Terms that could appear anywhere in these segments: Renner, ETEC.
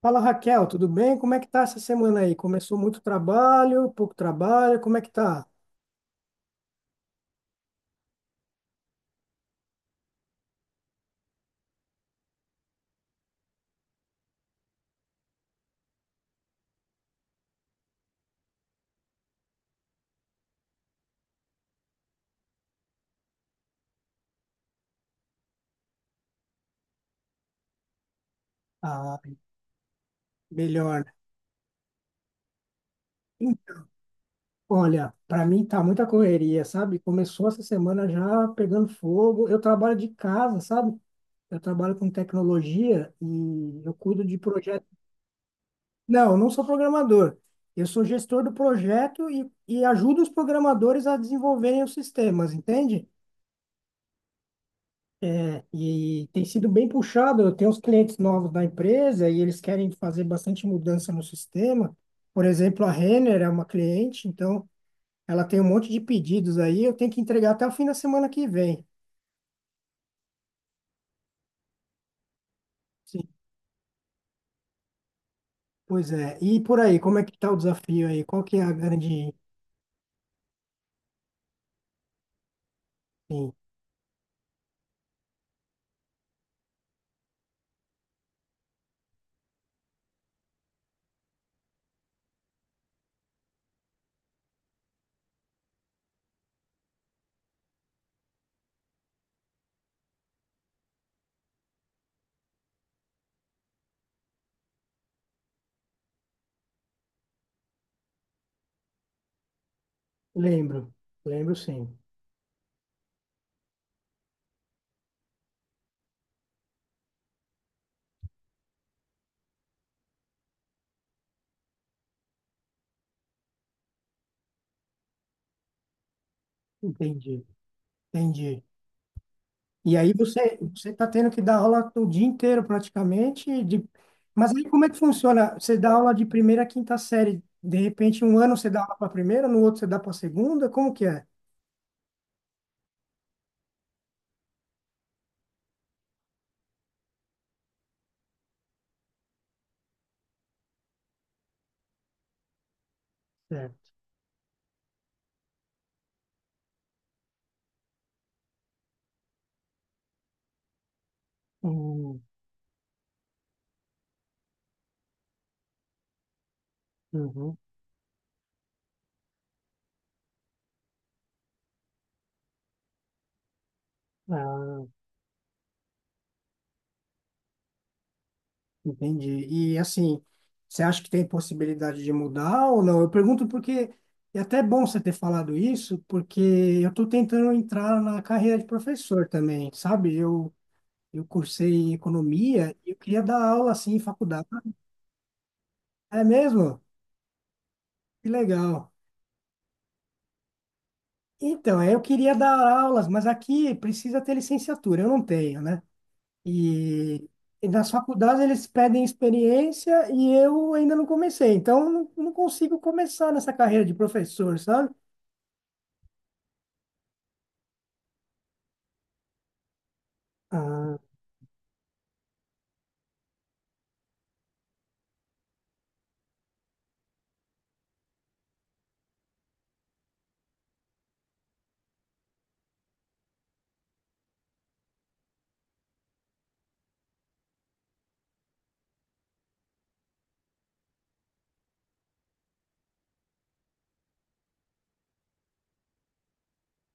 Fala Raquel, tudo bem? Como é que tá essa semana aí? Começou muito trabalho, pouco trabalho, como é que tá? Ah, melhor. Hum, Olha, para mim tá muita correria, sabe? Começou essa semana já pegando fogo. Eu trabalho de casa, sabe? Eu trabalho com tecnologia e eu cuido de projetos. Não, eu não sou programador. Eu sou gestor do projeto e ajudo os programadores a desenvolverem os sistemas, entende? É, e tem sido bem puxado. Eu tenho uns clientes novos da empresa e eles querem fazer bastante mudança no sistema. Por exemplo, a Renner é uma cliente, então ela tem um monte de pedidos aí. Eu tenho que entregar até o fim da semana que vem. Sim, pois é. E por aí, como é que tá o desafio aí? Qual que é a grande... Sim, lembro. Lembro, sim. Entendi. Entendi. E aí você está tendo que dar aula o dia inteiro praticamente. De... Mas aí como é que funciona? Você dá aula de primeira a quinta série. De repente, um ano você dá aula para a primeira, no outro você dá para a segunda? Como que é? Certo. Hum. Uhum. Ah. Entendi. E assim, você acha que tem possibilidade de mudar ou não? Eu pergunto porque é até bom você ter falado isso, porque eu estou tentando entrar na carreira de professor também, sabe? Eu cursei economia e eu queria dar aula assim em faculdade. É mesmo? Que legal. Então, é, eu queria dar aulas, mas aqui precisa ter licenciatura, eu não tenho, né? E, e nas faculdades eles pedem experiência e eu ainda não comecei, então eu não consigo começar nessa carreira de professor, sabe? Ah,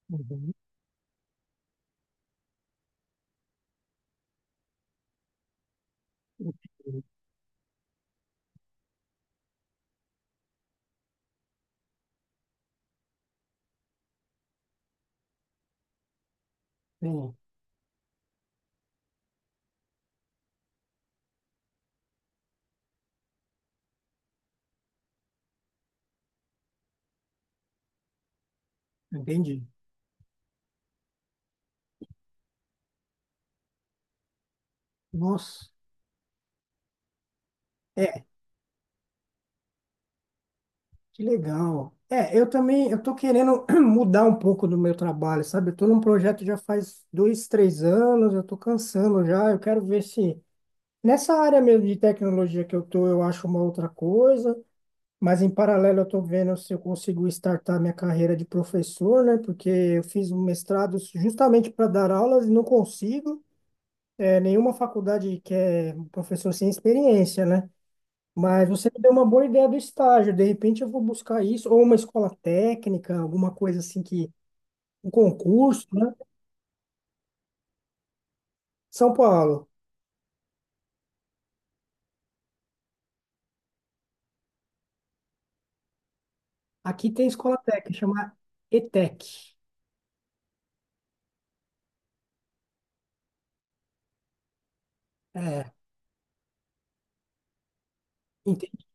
uhum. Sim, entendi. Nossa, é, que legal. É, eu também, eu tô querendo mudar um pouco do meu trabalho, sabe? Eu tô num projeto já faz dois, três anos, eu tô cansando já, eu quero ver se. Nessa área mesmo de tecnologia que eu tô, eu acho uma outra coisa, mas em paralelo eu tô vendo se eu consigo startar minha carreira de professor, né? Porque eu fiz um mestrado justamente para dar aulas e não consigo. É, nenhuma faculdade quer um professor sem experiência, né? Mas você me deu uma boa ideia do estágio, de repente eu vou buscar isso, ou uma escola técnica, alguma coisa assim que, um concurso, né? São Paulo, aqui tem escola técnica, chama ETEC. É, entendi.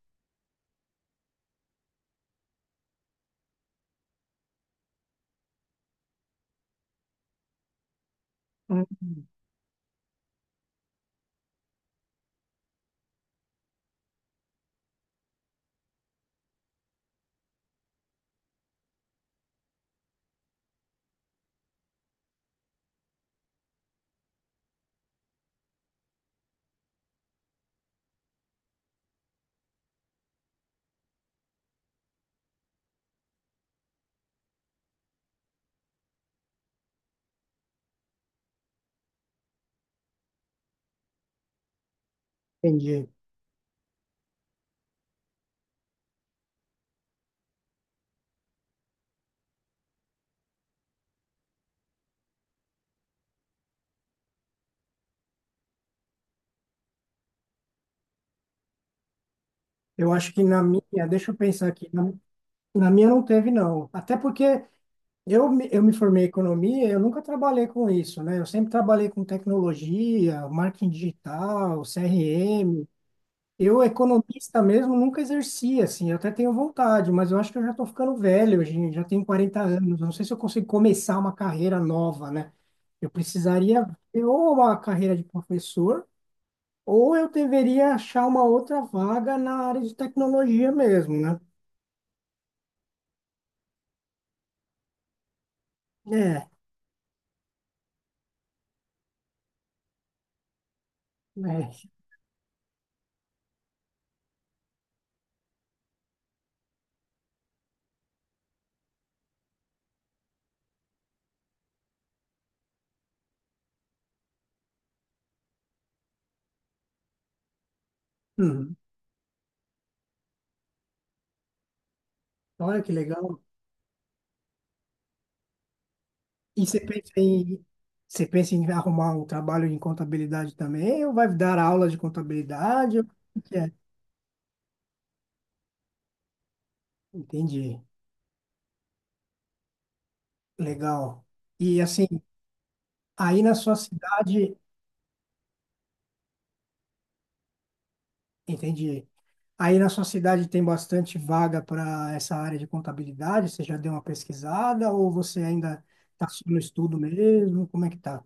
Entendi. Eu acho que na minha, deixa eu pensar aqui, na, na minha não teve, não. Até porque eu, eu me formei em economia, eu nunca trabalhei com isso, né? Eu sempre trabalhei com tecnologia, marketing digital, CRM. Eu, economista mesmo, nunca exerci, assim, eu até tenho vontade, mas eu acho que eu já estou ficando velho, gente, já tenho 40 anos, não sei se eu consigo começar uma carreira nova, né? Eu precisaria ter ou uma carreira de professor, ou eu deveria achar uma outra vaga na área de tecnologia mesmo, né? É, mas, uhum. Olha que legal. E você pensa em arrumar um trabalho em contabilidade também, ou vai dar aula de contabilidade? Ou o que é? Entendi. Legal. E assim, aí na sua cidade, entendi. Aí na sua cidade tem bastante vaga para essa área de contabilidade? Você já deu uma pesquisada ou você ainda está só no estudo mesmo? Como é que tá?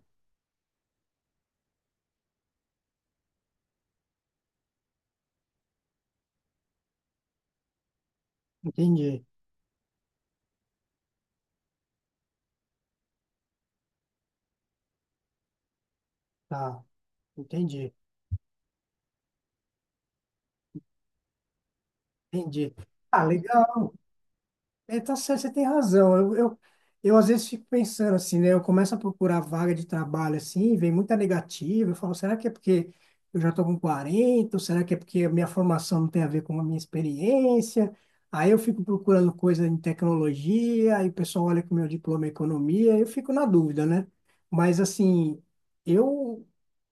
Entendi. Tá. Entendi. Entendi. Ah, legal. É, tá certo, você tem razão. Eu às vezes fico pensando assim, né? Eu começo a procurar vaga de trabalho assim, vem muita negativa. Eu falo, será que é porque eu já estou com 40? Ou será que é porque a minha formação não tem a ver com a minha experiência? Aí eu fico procurando coisa em tecnologia, aí o pessoal olha que o meu diploma é economia, eu fico na dúvida, né? Mas assim, eu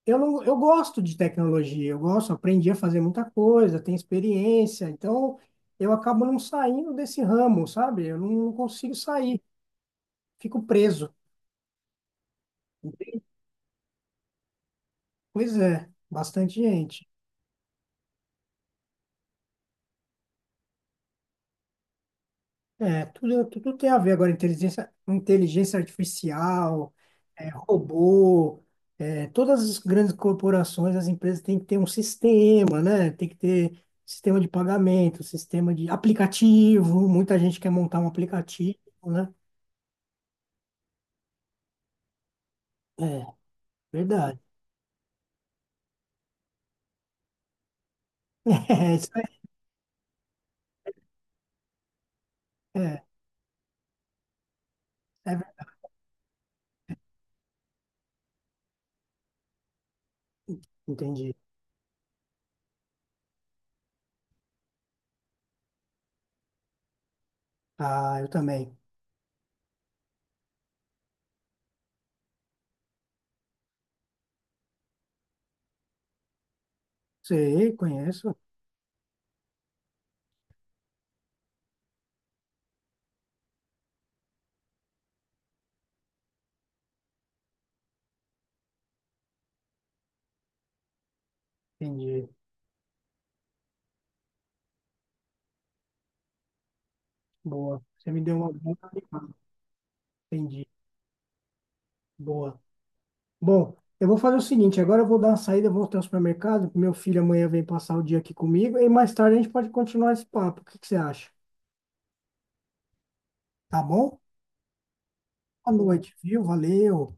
eu não, eu gosto de tecnologia, eu gosto, aprendi a fazer muita coisa, tenho experiência, então eu acabo não saindo desse ramo, sabe? Eu não consigo sair, fico preso. Pois é, bastante gente. É, tudo, tudo tem a ver agora, inteligência, inteligência artificial, é, robô, é, todas as grandes corporações, as empresas têm que ter um sistema, né? Tem que ter sistema de pagamento, sistema de aplicativo, muita gente quer montar um aplicativo, né? É, verdade. É, isso aí, é, é, entendi. Ah, eu também. Sei, conheço. Entendi. Boa. Você me deu uma boa animada. Entendi. Boa. Bom, eu vou fazer o seguinte, agora eu vou dar uma saída, eu vou até o supermercado, meu filho amanhã vem passar o dia aqui comigo e mais tarde a gente pode continuar esse papo. O que que você acha? Tá bom? Boa noite, viu? Valeu.